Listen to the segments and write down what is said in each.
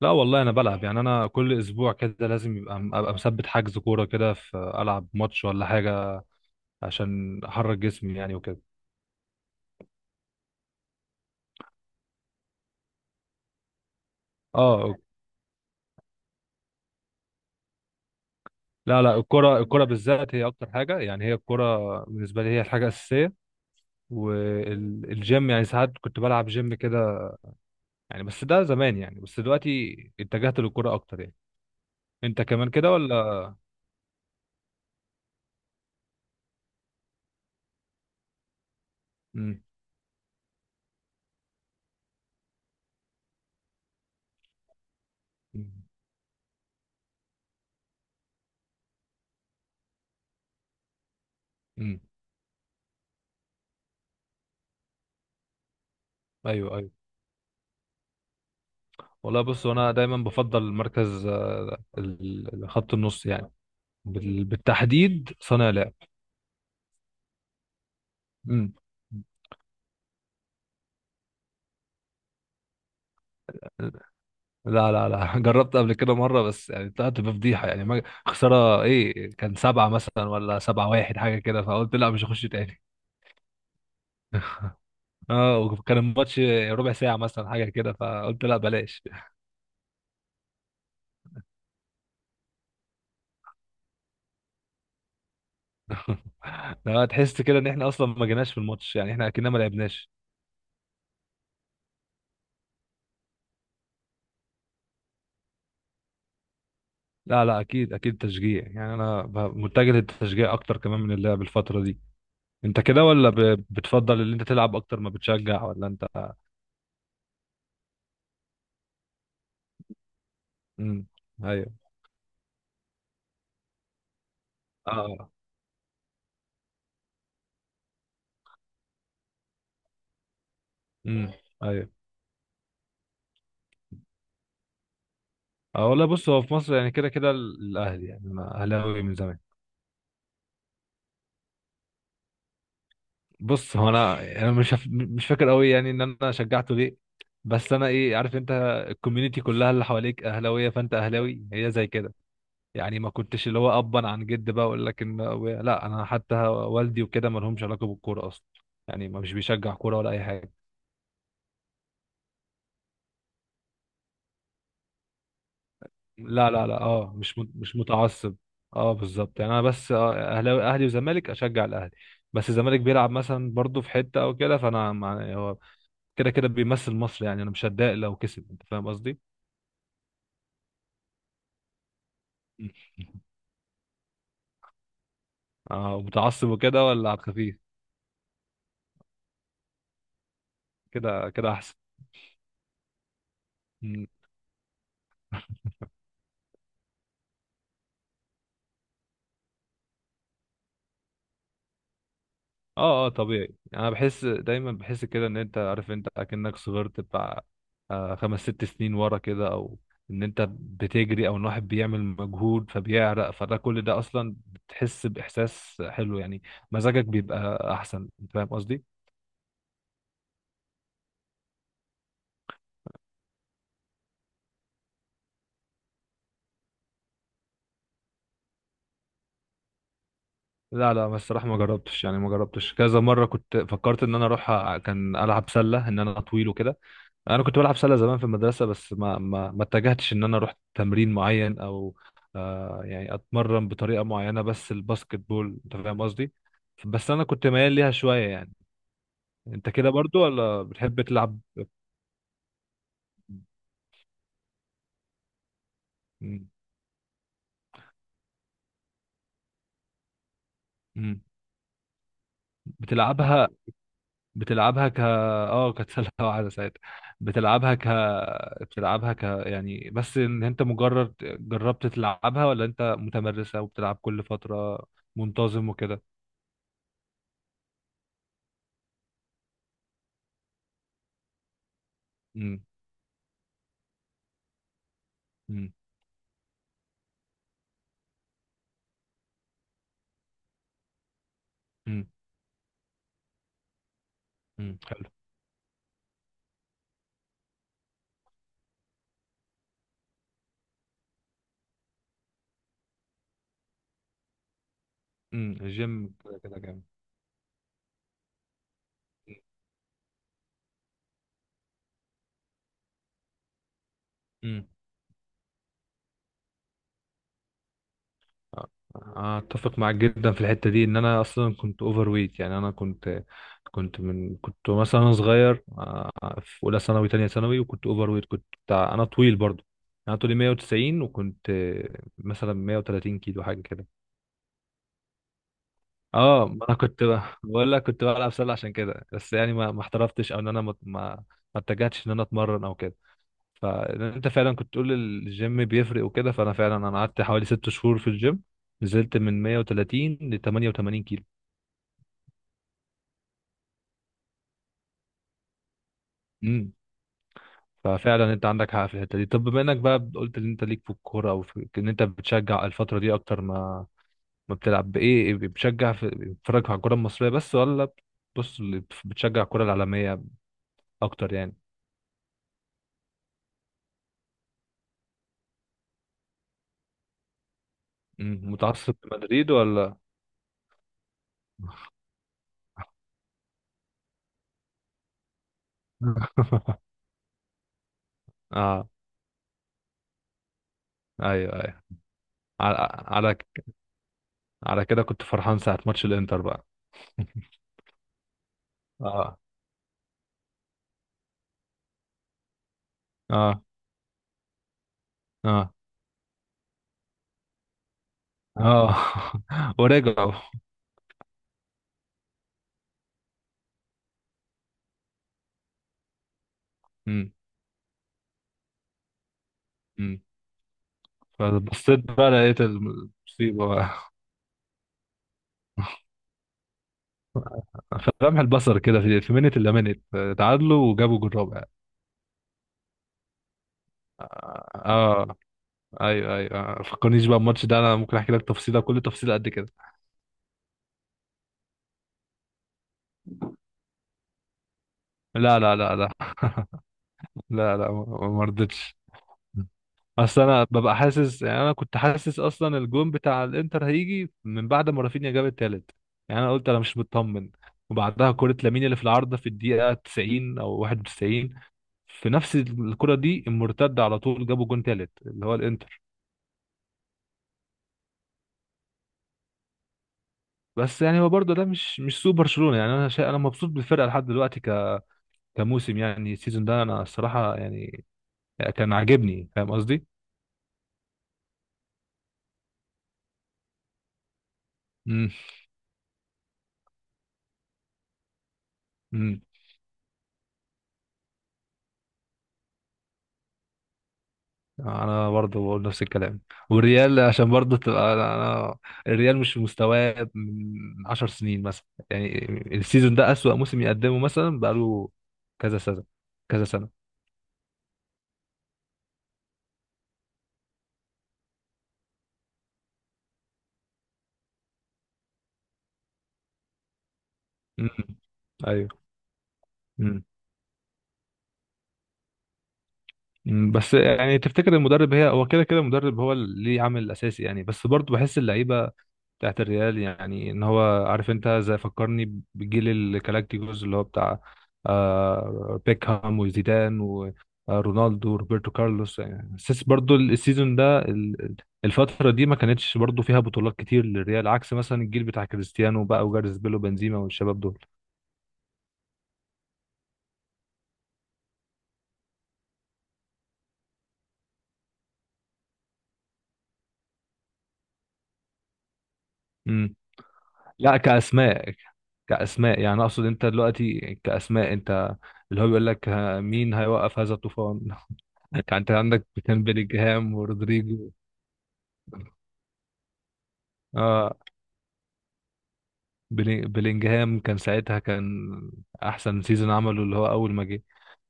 لا، والله انا بلعب، يعني انا كل اسبوع كده لازم ابقى مثبت حجز كوره كده في العب ماتش ولا حاجه، عشان احرك جسمي يعني وكده. اه، لا لا، الكوره الكوره بالذات هي اكتر حاجه، يعني هي الكوره بالنسبه لي هي الحاجه الاساسيه. والجيم يعني ساعات كنت بلعب جيم كده يعني، بس ده زمان يعني، بس دلوقتي اتجهت للكوره اكتر يعني. انت كمان كده ولا؟ امم. امم. ايوه ايوه. والله بص، انا دايما بفضل مركز خط النص يعني، بالتحديد صانع لعب. امم. لا لا لا، جربت قبل كده مرة، بس يعني طلعت بفضيحة، يعني ما خسارة ايه، كان سبعة مثلا ولا سبعة واحد حاجة كده، فقلت لا مش هخش تاني. اه، وكان الماتش ربع ساعة مثلا حاجة كده، فقلت لا بلاش. لا، تحس كده ان احنا اصلا ما جيناش في الماتش، يعني احنا اكننا ما لعبناش. لا لا، اكيد اكيد تشجيع، يعني انا متجه للتشجيع اكتر كمان من اللعب الفترة دي. انت كده ولا بتفضل ان انت تلعب اكتر ما بتشجع ولا انت؟ امم. ايوه. اه. آه. امم. ايوه. اه، والله بص، هو في مصر يعني كده كده الاهلي، يعني انا اهلاوي من زمان. بص هو انا مش فاكر قوي يعني ان انا شجعته ليه، بس انا ايه عارف، انت الكوميونتي كلها اللي حواليك اهلاويه فانت اهلاوي، هي زي كده يعني، ما كنتش اللي هو ابا عن جد بقى اقول لك ان. لا، انا حتى والدي وكده ما لهمش علاقه بالكوره اصلا، يعني ما مش بيشجع كوره ولا اي حاجه. لا لا لا، اه مش متعصب. اه بالظبط، يعني انا بس اهلاوي، اهلي وزمالك اشجع الاهلي، بس الزمالك بيلعب مثلا برضه في حته او كده، فانا هو كده كده بيمثل مصر، يعني انا مش هتضايق لو كسب. انت فاهم قصدي؟ اه، متعصب وكده ولا على الخفيف؟ كده كده احسن. اه اه، طبيعي، انا بحس دايما، بحس كده ان انت عارف، انت اكنك صغرت بتاع 5 6 سنين ورا كده، او ان انت بتجري، او ان واحد بيعمل مجهود فبيعرق، فده كل ده اصلا بتحس باحساس حلو يعني، مزاجك بيبقى احسن. انت فاهم قصدي؟ لا لا، بس الصراحه ما جربتش، يعني ما جربتش كذا مره، كنت فكرت ان انا اروح، كان العب سله، ان انا طويل وكده. انا كنت بلعب سله زمان في المدرسه، بس ما اتجهتش ان انا اروح تمرين معين او يعني اتمرن بطريقه معينه بس الباسكت بول. انت فاهم قصدي؟ بس انا كنت ميال ليها شويه يعني. انت كده برضو ولا بتحب تلعب؟ مم. مم. بتلعبها بتلعبها كانت سله واحده ساعتها. بتلعبها ك بتلعبها ك يعني، بس ان انت مجرد جربت تلعبها ولا انت متمرسه وبتلعب كل فتره منتظم وكده؟ امم. امم. امم. امم. الجيم كده كده جامد. امم. آه، اتفق معاك جدا في الحته دي، ان انا اصلا كنت اوفر ويت، يعني انا كنت، من كنت مثلا انا صغير في اولى ثانوي تانية ثانوي، وكنت اوفر ويت، كنت انا طويل برضو، انا طولي 190 وكنت مثلا 130 كيلو حاجه كده. اه، ما انا كنت بقول لك كنت بلعب سله عشان كده، بس يعني ما احترفتش او ان انا ما اتجهتش ان انا اتمرن او كده. فانت فعلا كنت تقول الجيم بيفرق وكده، فانا فعلا انا قعدت حوالي 6 شهور في الجيم، نزلت من 130 ل 88 كيلو. امم. ففعلا انت عندك حق في الحته دي. طب بما انك بقى قلت ان انت ليك في الكوره او في ان انت بتشجع الفتره دي اكتر ما ما بتلعب، بايه إيه بتشجع، في بتتفرج على الكوره المصريه بس ولا، بص، بتشجع الكوره العالميه اكتر يعني؟ امم، متعصب لمدريد ولا؟ اه. ايوه ايوه. على على على كده كنت فرحان ساعه ماتش الانتر بقى. اه. اه. اه. اه. ورجعوا. امم. امم. فبصيت بقى لقيت المصيبة بقى، فلمح البصر كده، في منت الا منت، تعادلوا وجابوا جول رابع. اه. آه. ايوه ايوه. آه، فكرنيش بقى الماتش ده، انا ممكن احكي لك تفصيله كل تفصيله قد كده. لا لا لا لا، لا لا، ما رضيتش. اصل انا ببقى حاسس، يعني انا كنت حاسس اصلا الجون بتاع الانتر هيجي من بعد ما رافينيا جاب التالت، يعني انا قلت انا مش مطمن. وبعدها كرة لامين اللي في العارضة في الدقيقة 90 او 91، في نفس الكرة دي المرتدة على طول جابوا جون تالت اللي هو الانتر. بس يعني هو برضه ده مش سوء برشلونة، يعني انا شا... انا مبسوط بالفرقة لحد دلوقتي، ك... كموسم، يعني السيزون ده انا الصراحة يعني كان عاجبني. فاهم قصدي؟ امم. امم. انا برضه بقول نفس الكلام، والريال عشان برضه تبقى، الريال مش في مستواه من 10 سنين مثلا، يعني السيزون ده اسوأ موسم يقدمه مثلا بقاله كذا سنة، كذا سنة. امم. ايوه. مم، بس يعني تفتكر المدرب، هو كده كده المدرب هو اللي ليه عامل اساسي يعني، بس برضه بحس اللعيبه بتاعت الريال، يعني ان هو عارف، انت زي فكرني بجيل الكلاكتيكوز اللي هو بتاع بيكهام وزيدان ورونالدو وروبرتو كارلوس، يعني حاسس برضه السيزون ده، الفتره دي ما كانتش برضه فيها بطولات كتير للريال، عكس مثلا الجيل بتاع كريستيانو بقى وجاريث بيل وبنزيما والشباب دول. امم. لا، كاسماء، كأسماء يعني أقصد، أنت دلوقتي كأسماء، أنت اللي هو بيقول لك، مين هيوقف هذا الطوفان؟ يعني أنت عندك كان بيلينجهام ورودريجو. آه بيلينجهام كان ساعتها، كان أحسن سيزون عمله اللي هو أول ما جه،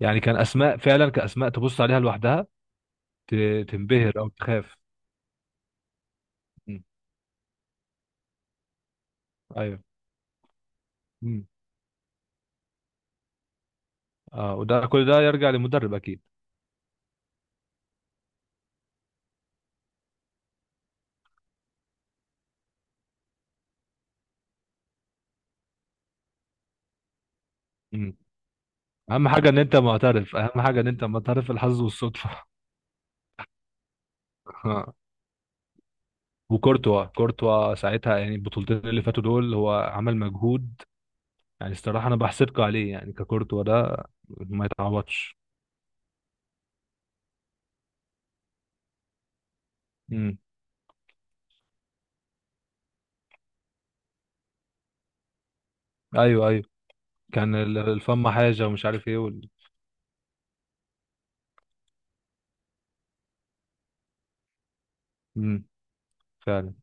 يعني كان أسماء فعلا، كأسماء تبص عليها لوحدها تنبهر أو تخاف. مم. أيوه. مم. وده كل ده يرجع للمدرب أكيد. مم. أهم حاجة إن أنت معترف، أهم حاجة إن أنت معترف، الحظ والصدفة. وكورتوا كورتوا ساعتها، يعني البطولتين اللي فاتوا دول هو عمل مجهود، يعني الصراحه انا بحسدكوا عليه، يعني ككورتوا ده ما يتعوضش. امم. ايوه ايوه. كان الفم حاجه ومش عارف ايه، وال... امم. فعلا.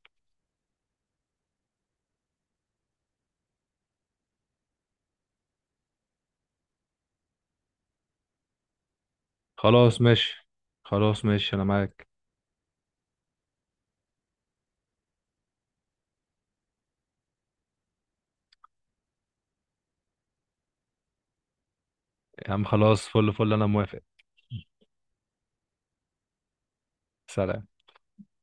خلاص ماشي، خلاص ماشي انا معاك. يا عم خلاص، فل فل، انا موافق. سلام.